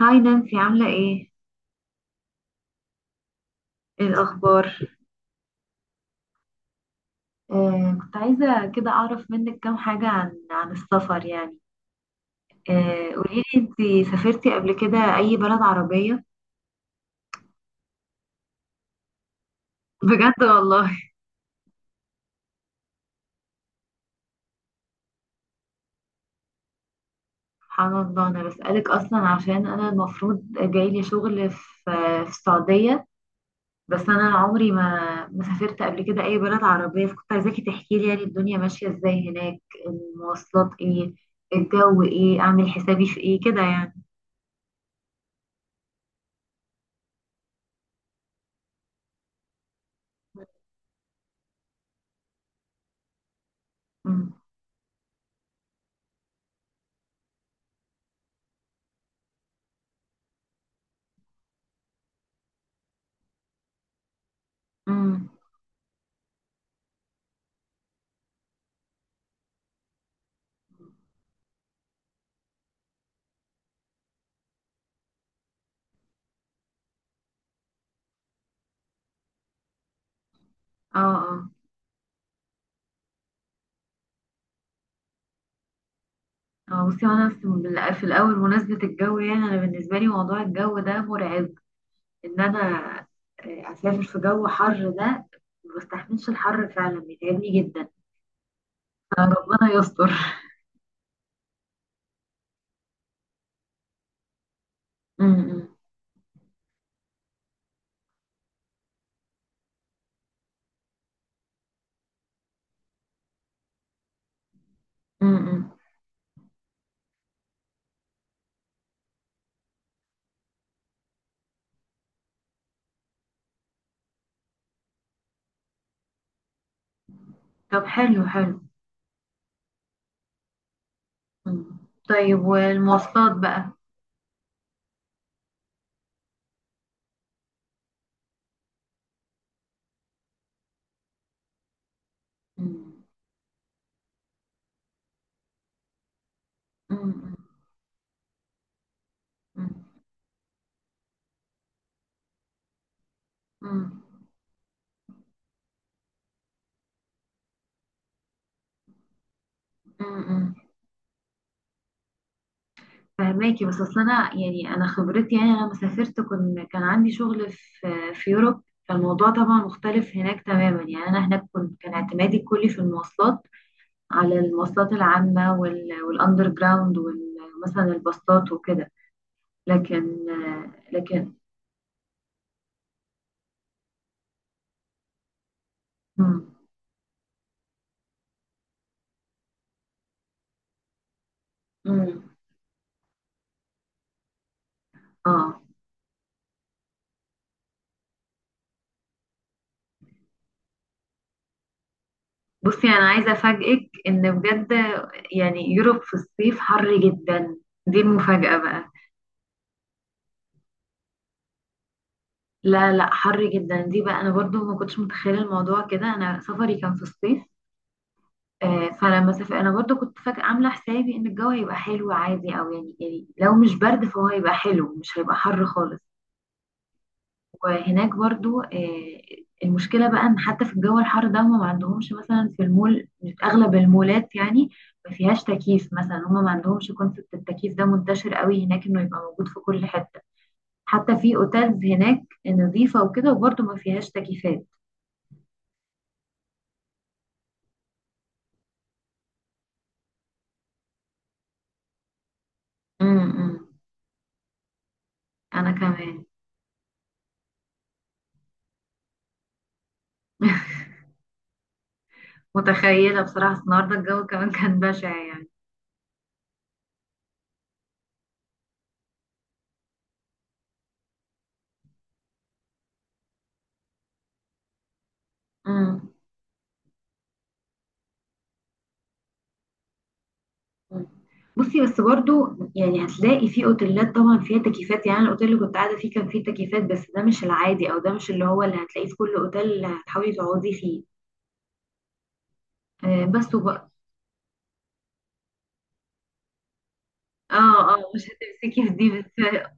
هاي نانسي، عاملة ايه؟ ايه الأخبار؟ كنت عايزة كده أعرف منك كام حاجة عن السفر يعني. قوليلي، انتي سافرتي قبل كده أي بلد عربية؟ بجد والله. سبحان الله، أنا بسألك أصلا عشان أنا المفروض جايلي شغل في السعودية. بس أنا عمري ما سافرت قبل كده أي بلد عربية، فكنت عايزاكي تحكيلي يعني الدنيا ماشية ازاي هناك، المواصلات ايه، الجو ايه، أعمل حسابي في ايه كده يعني. امم. امم. اه. اه. اه. بصي انا في الاول، مناسبه الجو، يعني انا بالنسبه لي موضوع الجو ده مرعب. ان انا اسافر في جو حر ده، ما بستحملش الحر، فعلا بيتعبني جدا. ربنا يستر. م-. م-. م-. م. طب، حلو حلو. م. طيب والمواصلات بقى. م-. م-. م-. م-. م-. م-. فهماكي، بس اصل انا يعني، انا خبرتي يعني، انا لما سافرت كان عندي شغل في يوروب، فالموضوع طبعا مختلف هناك تماما. يعني انا هناك كان اعتمادي كلي في المواصلات، على المواصلات العامة والاندر جراوند، ومثلا الباصات وكده. لكن لكن. مم. مم. اه، بصي انا عايزة افاجئك ان بجد، يعني يوروب في الصيف حر جدا. دي المفاجأة بقى. لا لا، حر جدا. دي بقى انا برضو ما كنتش متخيله الموضوع كده، انا سفري كان في الصيف. فلما سافر انا برضو كنت فاكره، عامله حسابي ان الجو هيبقى حلو عادي، او يعني لو مش برد فهو هيبقى حلو، مش هيبقى حر خالص. وهناك برضو المشكله بقى ان حتى في الجو الحر ده، هم ما عندهمش مثلا في المول، اغلب المولات يعني ما فيهاش تكييف. مثلا هم ما عندهمش كونسبت التكييف ده منتشر قوي هناك، انه يبقى موجود في كل حته. حتى في اوتيلز هناك نظيفه وكده، وبرضو ما فيهاش تكييفات. امم انا كمان. متخيله بصراحه، أصل النهارده الجو كمان كان بشع يعني. امم بصي، بس برضو يعني هتلاقي في اوتيلات طبعا فيها تكييفات، يعني الاوتيل اللي كنت قاعده فيه كان فيه تكييفات، بس ده مش العادي، او ده مش اللي هو اللي هتلاقيه في كل اوتيل اللي هتحاولي تقعدي فيه. بس وبقى. اه اه، مش هتمسكي في دي بس.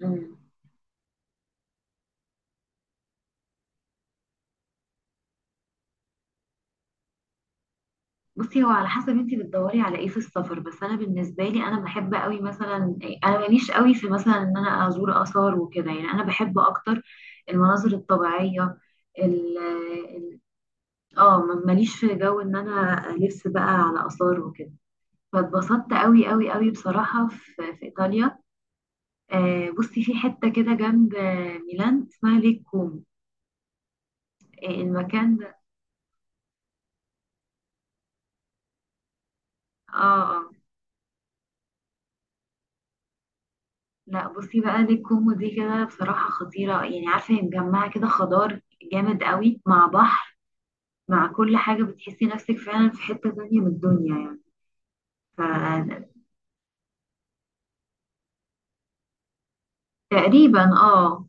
مم. بصي، هو على حسب انتي بتدوري على ايه في السفر، بس انا بالنسبه لي انا بحب قوي مثلا، انا ماليش قوي في مثلا ان انا ازور اثار وكده، يعني انا بحب اكتر المناظر الطبيعيه. ال ال- ماليش في جو ان انا الف بقى على اثار وكده. فاتبسطت قوي قوي قوي بصراحه في ايطاليا. بصي، في حته كده جنب ميلان، اسمها ليك كومو. المكان ده. اه. آه. لا، بصي بقى دي الكومبو دي كده بصراحة خطيرة. يعني عارفة هي مجمعة كده خضار جامد قوي، مع بحر، مع كل حاجة. بتحسي نفسك فعلا في حتة تانية من الدنيا يعني. فتقريبا اه.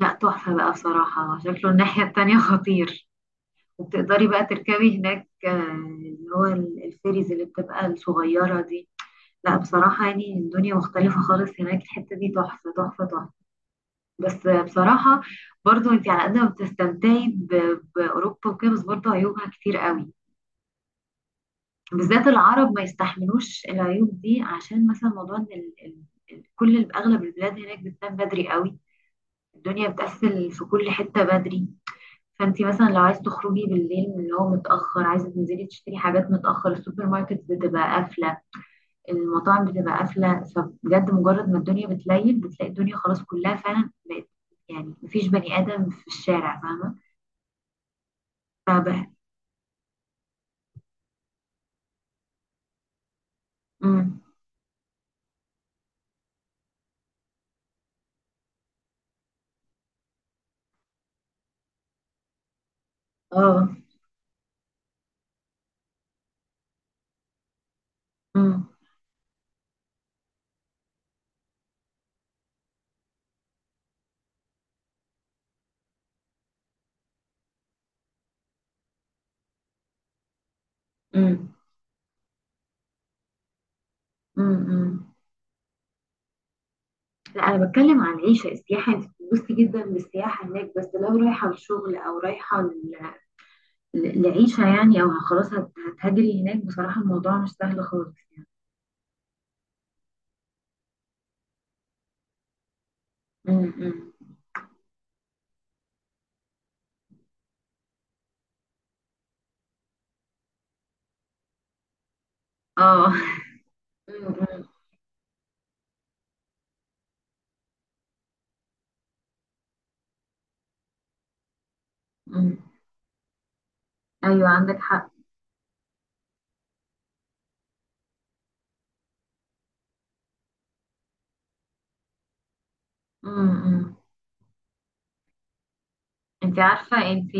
لا، تحفة بقى بصراحة، شكله الناحية التانية خطير. وبتقدري بقى تركبي هناك اللي هو الفيريز اللي بتبقى الصغيرة دي. لا بصراحة، يعني الدنيا مختلفة خالص هناك، الحتة دي تحفة تحفة تحفة. بس بصراحة، برضو انت على قد ما بتستمتعي بأوروبا وكده، بس برضو عيوبها كتير قوي. بالذات العرب ما يستحملوش العيوب دي، عشان مثلا موضوع ان اغلب البلاد هناك بتنام بدري قوي، الدنيا بتقفل في كل حتة بدري. فانت مثلا لو عايز تخرجي بالليل، من اللي هو متأخر، عايزة تنزلي تشتري حاجات متأخر، السوبر ماركت بتبقى قافلة، المطاعم بتبقى قافلة. فبجد مجرد ما الدنيا بتليل بتلاقي الدنيا خلاص كلها فعلا بقت، يعني مفيش بني آدم في الشارع، فاهمة؟ رابح. إمم. آه. إمم. إمم. إمم، إمم. لأ، أنا باتكلّم عن العيشة. السياحة أنتِ بتتبسطي جدًا بالسياحة هناك، بس لو رايحة لشغل، أو رايحة ل ل لعيشة يعني، أو خلاص هتهاجري هناك، بصراحة الموضوع مش سهل خالص. إمم، إمم. آه. إمم، إمم، إمم. أيوه عندِك حق. إمم، إمم. أنتِ عارفة، أنتِ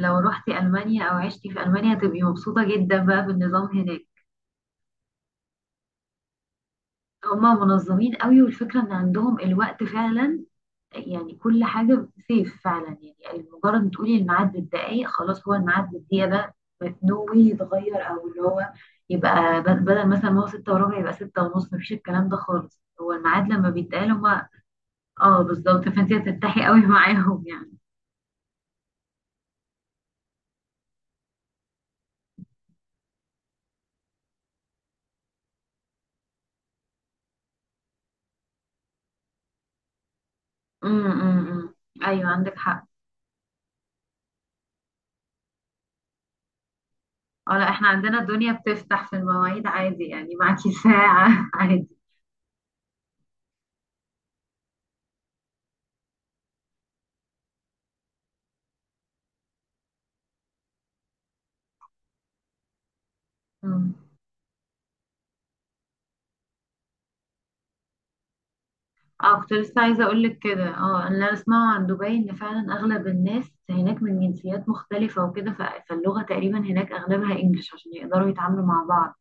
لو رُحتِ ألمانيا أو عِشتِ في ألمانيا هتبقي مبسوطة جدًا بقى بالنظام هناك. هم منظمين أوي، والفكرة إن عندهم الوقت فعلًا. يعني كل حاجة سيف فعلا، يعني مجرد ما تقولي الميعاد بالدقايق خلاص هو الميعاد بالدقيقة ده، نو واي يتغير، أو اللي هو يبقى بدل مثلا ما هو ستة وربع يبقى ستة ونص، مفيش الكلام ده خالص، هو الميعاد لما بيتقال هما. اه، بالظبط، فانت هتتحي قوي معاهم يعني. امم، ايوه عندك حق. اه، لا احنا عندنا الدنيا بتفتح في المواعيد عادي، يعني معاكي ساعة عادي. مم. اه، كنت لسه عايزه اقول لك كده، اللي انا اسمعه عن دبي ان فعلا اغلب الناس هناك من جنسيات مختلفه وكده، فاللغه تقريبا هناك اغلبها انجلش عشان يقدروا يتعاملوا مع بعض.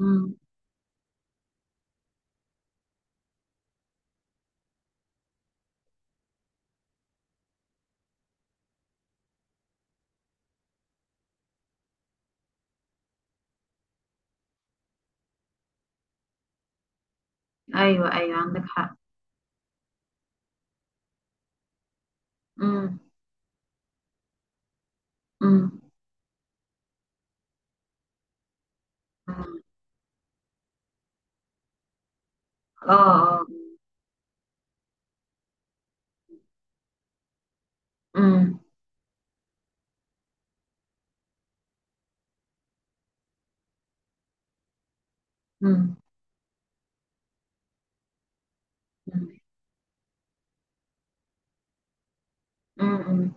امم، ايوه ايوه عندك حق. امم. امم. أمم. اه. اه. امم. امم. امم. أمم.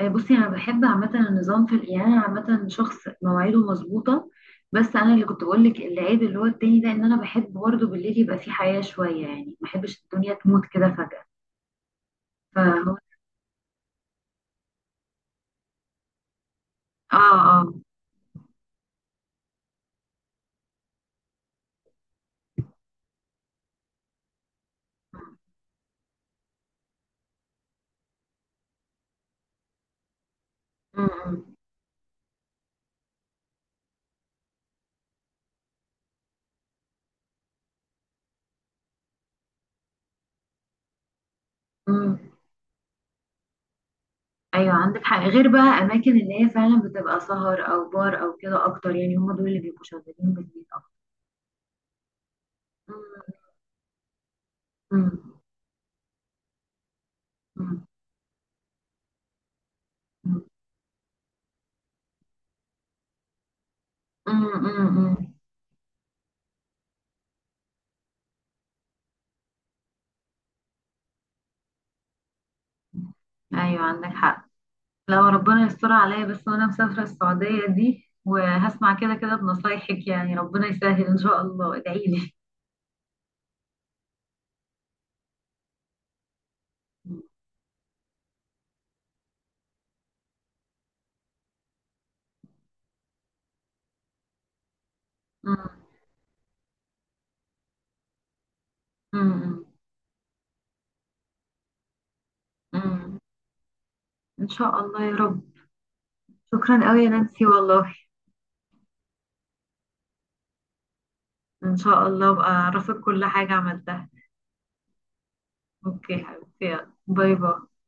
بصي انا بحب عامه النظام في، يعني انا عامه شخص مواعيده مظبوطه. بس انا اللي كنت بقول لك العيب اللي هو التاني ده، ان انا بحب برضه بالليل يبقى في حياه شويه، يعني ما بحبش الدنيا تموت كده فجاه. فهو. اه. اه. امم. امم. ايوه عندك حق. غير بقى اماكن اللي هي فعلا بتبقى سهر او بار او كده اكتر، يعني هم دول اللي بيبقوا شغالين بالليل اكتر. امم. امم. امم. ايوه عندك حق. لو ربنا يستر عليا بس وانا مسافره السعوديه دي، وهسمع كده كده بنصايحك، يعني ربنا يسهل ان شاء الله، ادعي لي. امم. امم. امم. ان شاء الله يا رب. شكرا قوي يا نانسي والله. إن شاء الله أبقى أعرفك كل حاجة عملتها. أوكي حبيبتي يلا. باي باي.